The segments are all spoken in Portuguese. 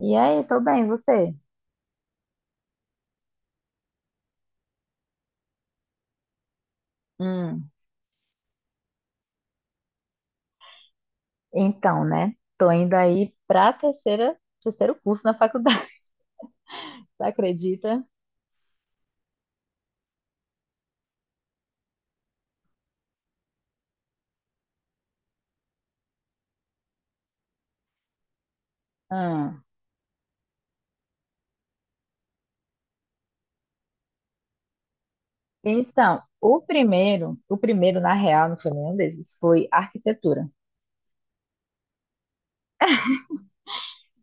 E aí, tô bem, você? Hum, então, né? Tô indo aí pra terceira, terceiro curso na faculdade, você acredita? Hum. Então, o primeiro, na real, não foi nenhum desses, foi arquitetura.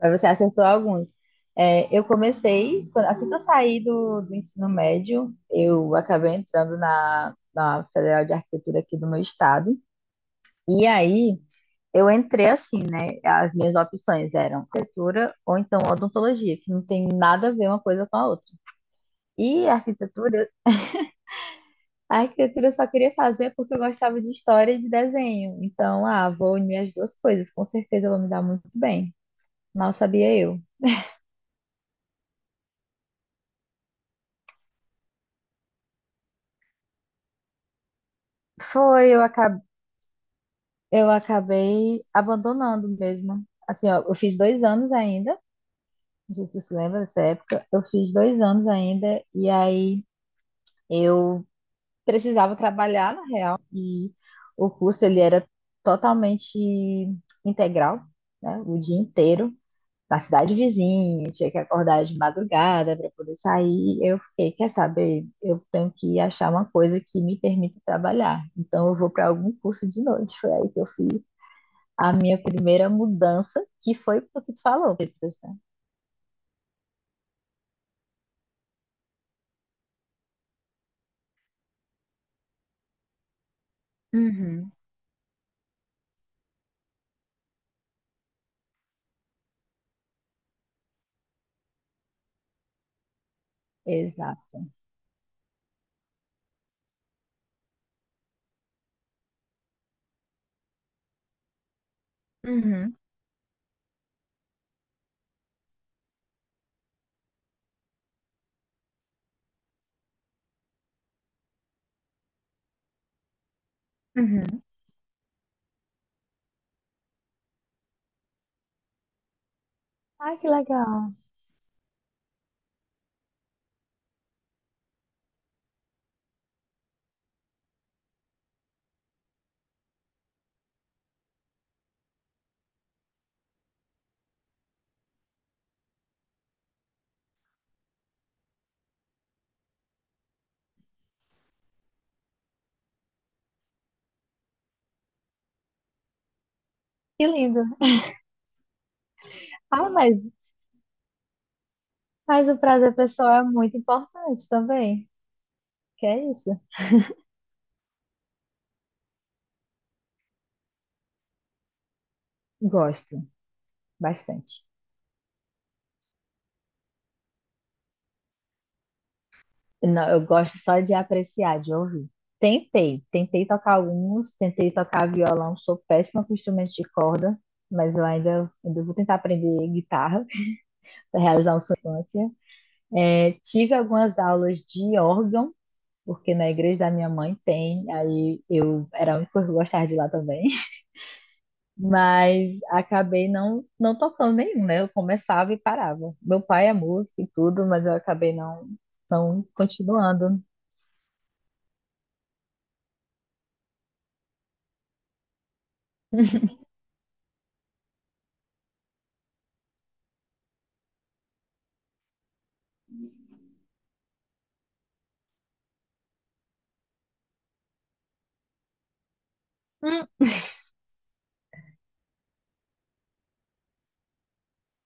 Mas você acertou alguns. É, eu comecei, quando- assim que eu saí do ensino médio, eu acabei entrando na Federal de Arquitetura aqui do meu estado. E aí, eu entrei assim, né? As minhas opções eram arquitetura ou então odontologia, que não tem nada a ver uma coisa com a outra. E a arquitetura eu só queria fazer porque eu gostava de história e de desenho. Então, vou unir as duas coisas, com certeza eu vou me dar muito bem. Mal sabia eu. Foi, eu acabei abandonando mesmo. Assim, ó, eu fiz dois anos ainda, não sei se você lembra dessa época, eu fiz dois anos ainda, e aí eu precisava trabalhar, na real, e o curso ele era totalmente integral, né? O dia inteiro, na cidade vizinha, eu tinha que acordar de madrugada para poder sair. Eu fiquei, quer saber, eu tenho que achar uma coisa que me permita trabalhar. Então eu vou para algum curso de noite. Foi aí que eu fiz a minha primeira mudança, que foi o que tu falou, Petras, né? Uhum. Exato. Uhum. Uhum. Ai, que legal. Que lindo. Fala mais. Mas o prazer pessoal é muito importante também. Que é isso? Gosto bastante. Não, eu gosto só de apreciar, de ouvir. Tentei, tentei tocar violão, sou péssima com instrumentos de corda, mas eu ainda, ainda vou tentar aprender guitarra para realizar uma sonância. Tive algumas aulas de órgão, porque na igreja da minha mãe tem, aí eu era a única que eu gostava de ir lá também. Mas acabei não, não tocando nenhum, né? Eu começava e parava. Meu pai é músico e tudo, mas eu acabei não, não continuando. Hum.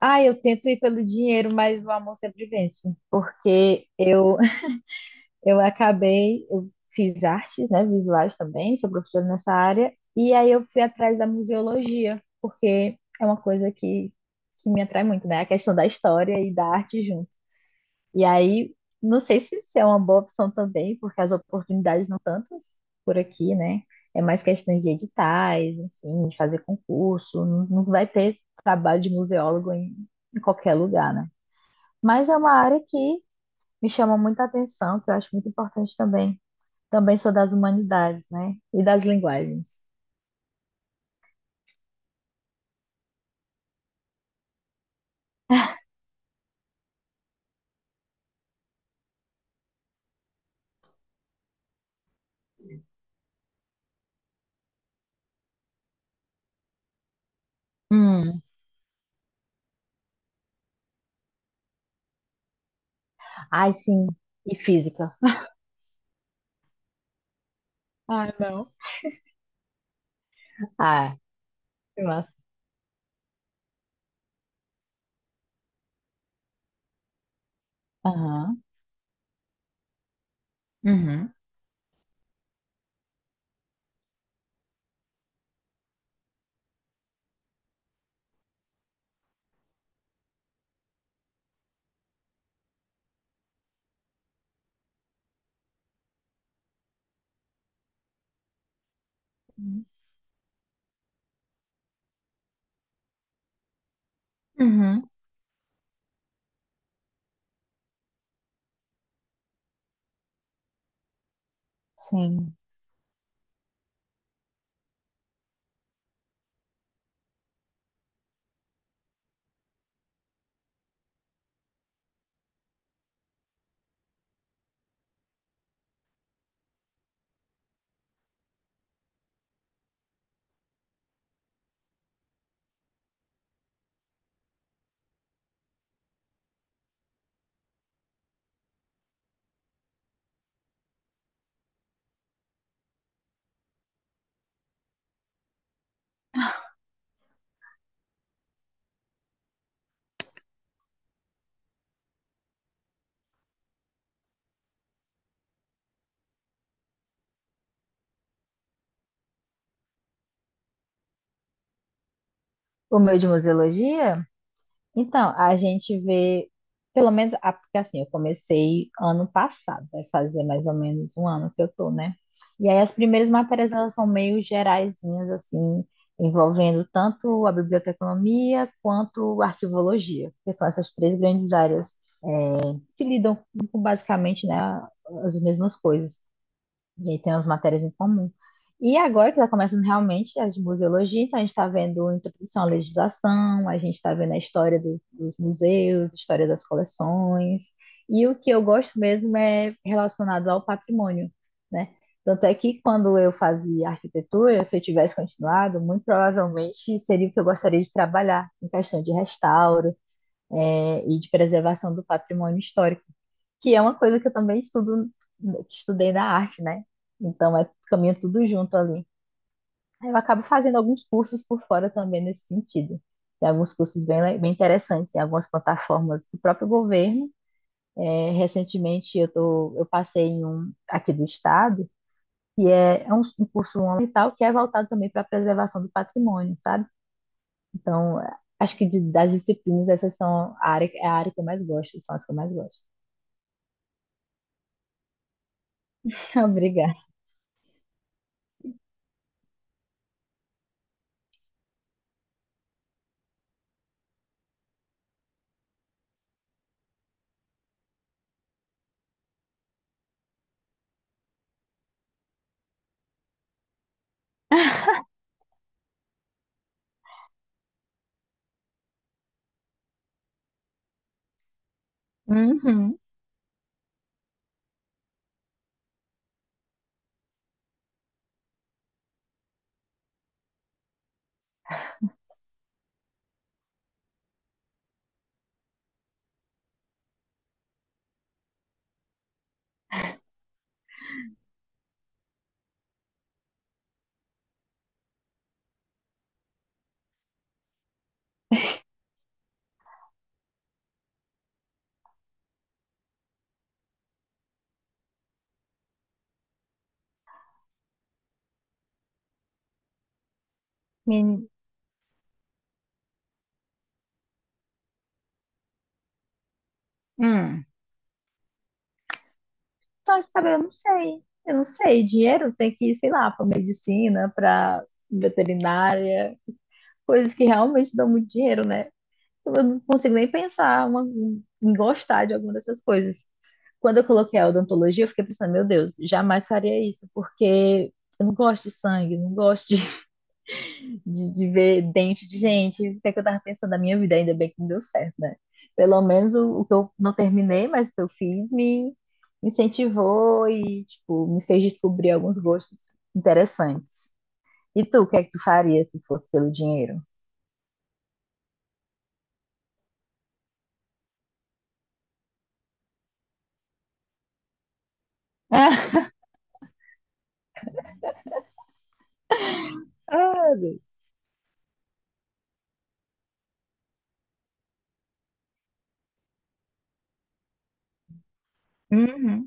Ah, eu tento ir pelo dinheiro, mas o amor sempre vence. Eu fiz artes, né, visuais também, sou professora nessa área, e aí eu fui atrás da museologia, porque é uma coisa que me atrai muito, né? A questão da história e da arte junto. E aí, não sei se isso é uma boa opção também, porque as oportunidades não tantas por aqui, né? É mais questões de editais, enfim, de fazer concurso. Não, não vai ter trabalho de museólogo em qualquer lugar, né? Mas é uma área que me chama muita atenção, que eu acho muito importante também. Também sou das humanidades, né? E das linguagens. Hum. Ai, sim. E física. Ah, não. Ah, que massa. Aham. Uhum. Uhum. Sim. O meu de museologia? Então, a gente vê, pelo menos, ah, porque assim, eu comecei ano passado, vai fazer mais ou menos um ano que eu tô, né? E aí as primeiras matérias, elas são meio geraisinhas, assim, envolvendo tanto a biblioteconomia quanto a arquivologia, que são essas três grandes áreas, que lidam com, basicamente, né, as mesmas coisas. E aí tem umas matérias em comum. E agora que está começando realmente as de museologia, então a gente está vendo introdução à legislação, a gente está vendo a história dos museus, história das coleções, e o que eu gosto mesmo é relacionado ao patrimônio, né? Tanto é que quando eu fazia arquitetura, se eu tivesse continuado, muito provavelmente seria o que eu gostaria de trabalhar, em questão de restauro, e de preservação do patrimônio histórico que é uma coisa que eu também estudo, que estudei na arte, né? Então é caminha tudo junto ali. Aí eu acabo fazendo alguns cursos por fora também nesse sentido. Tem alguns cursos bem interessantes, em algumas plataformas do próprio governo. É, recentemente eu passei em um aqui do estado, é um, um curso ambiental que é voltado também para a preservação do patrimônio, sabe? Então, acho que das disciplinas essas são a área, é a área que eu mais gosto, são as que eu mais gosto. Obrigada. Uhum. Hum. Só de eu não sei. Eu não sei. Dinheiro tem que ir, sei lá, para medicina, para veterinária, coisas que realmente dão muito dinheiro, né? Eu não consigo nem pensar uma- em gostar de alguma dessas coisas. Quando eu coloquei a odontologia, eu fiquei pensando, meu Deus, jamais faria isso, porque eu não gosto de sangue, não gosto de ver dente de gente, o que é que eu tava pensando na minha vida, ainda bem que não deu certo, né? Pelo menos o que eu não terminei, mas o que eu fiz me incentivou e, tipo, me fez descobrir alguns gostos interessantes. E tu, o que é que tu faria se fosse pelo dinheiro? Ah, Deus. Uhum,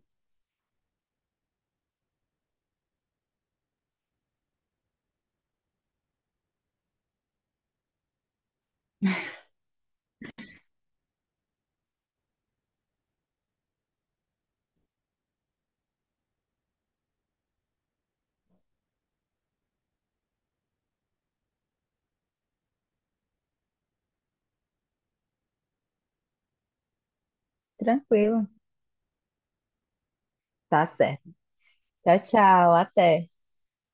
tranquilo. Tá certo. Tchau, tchau, até.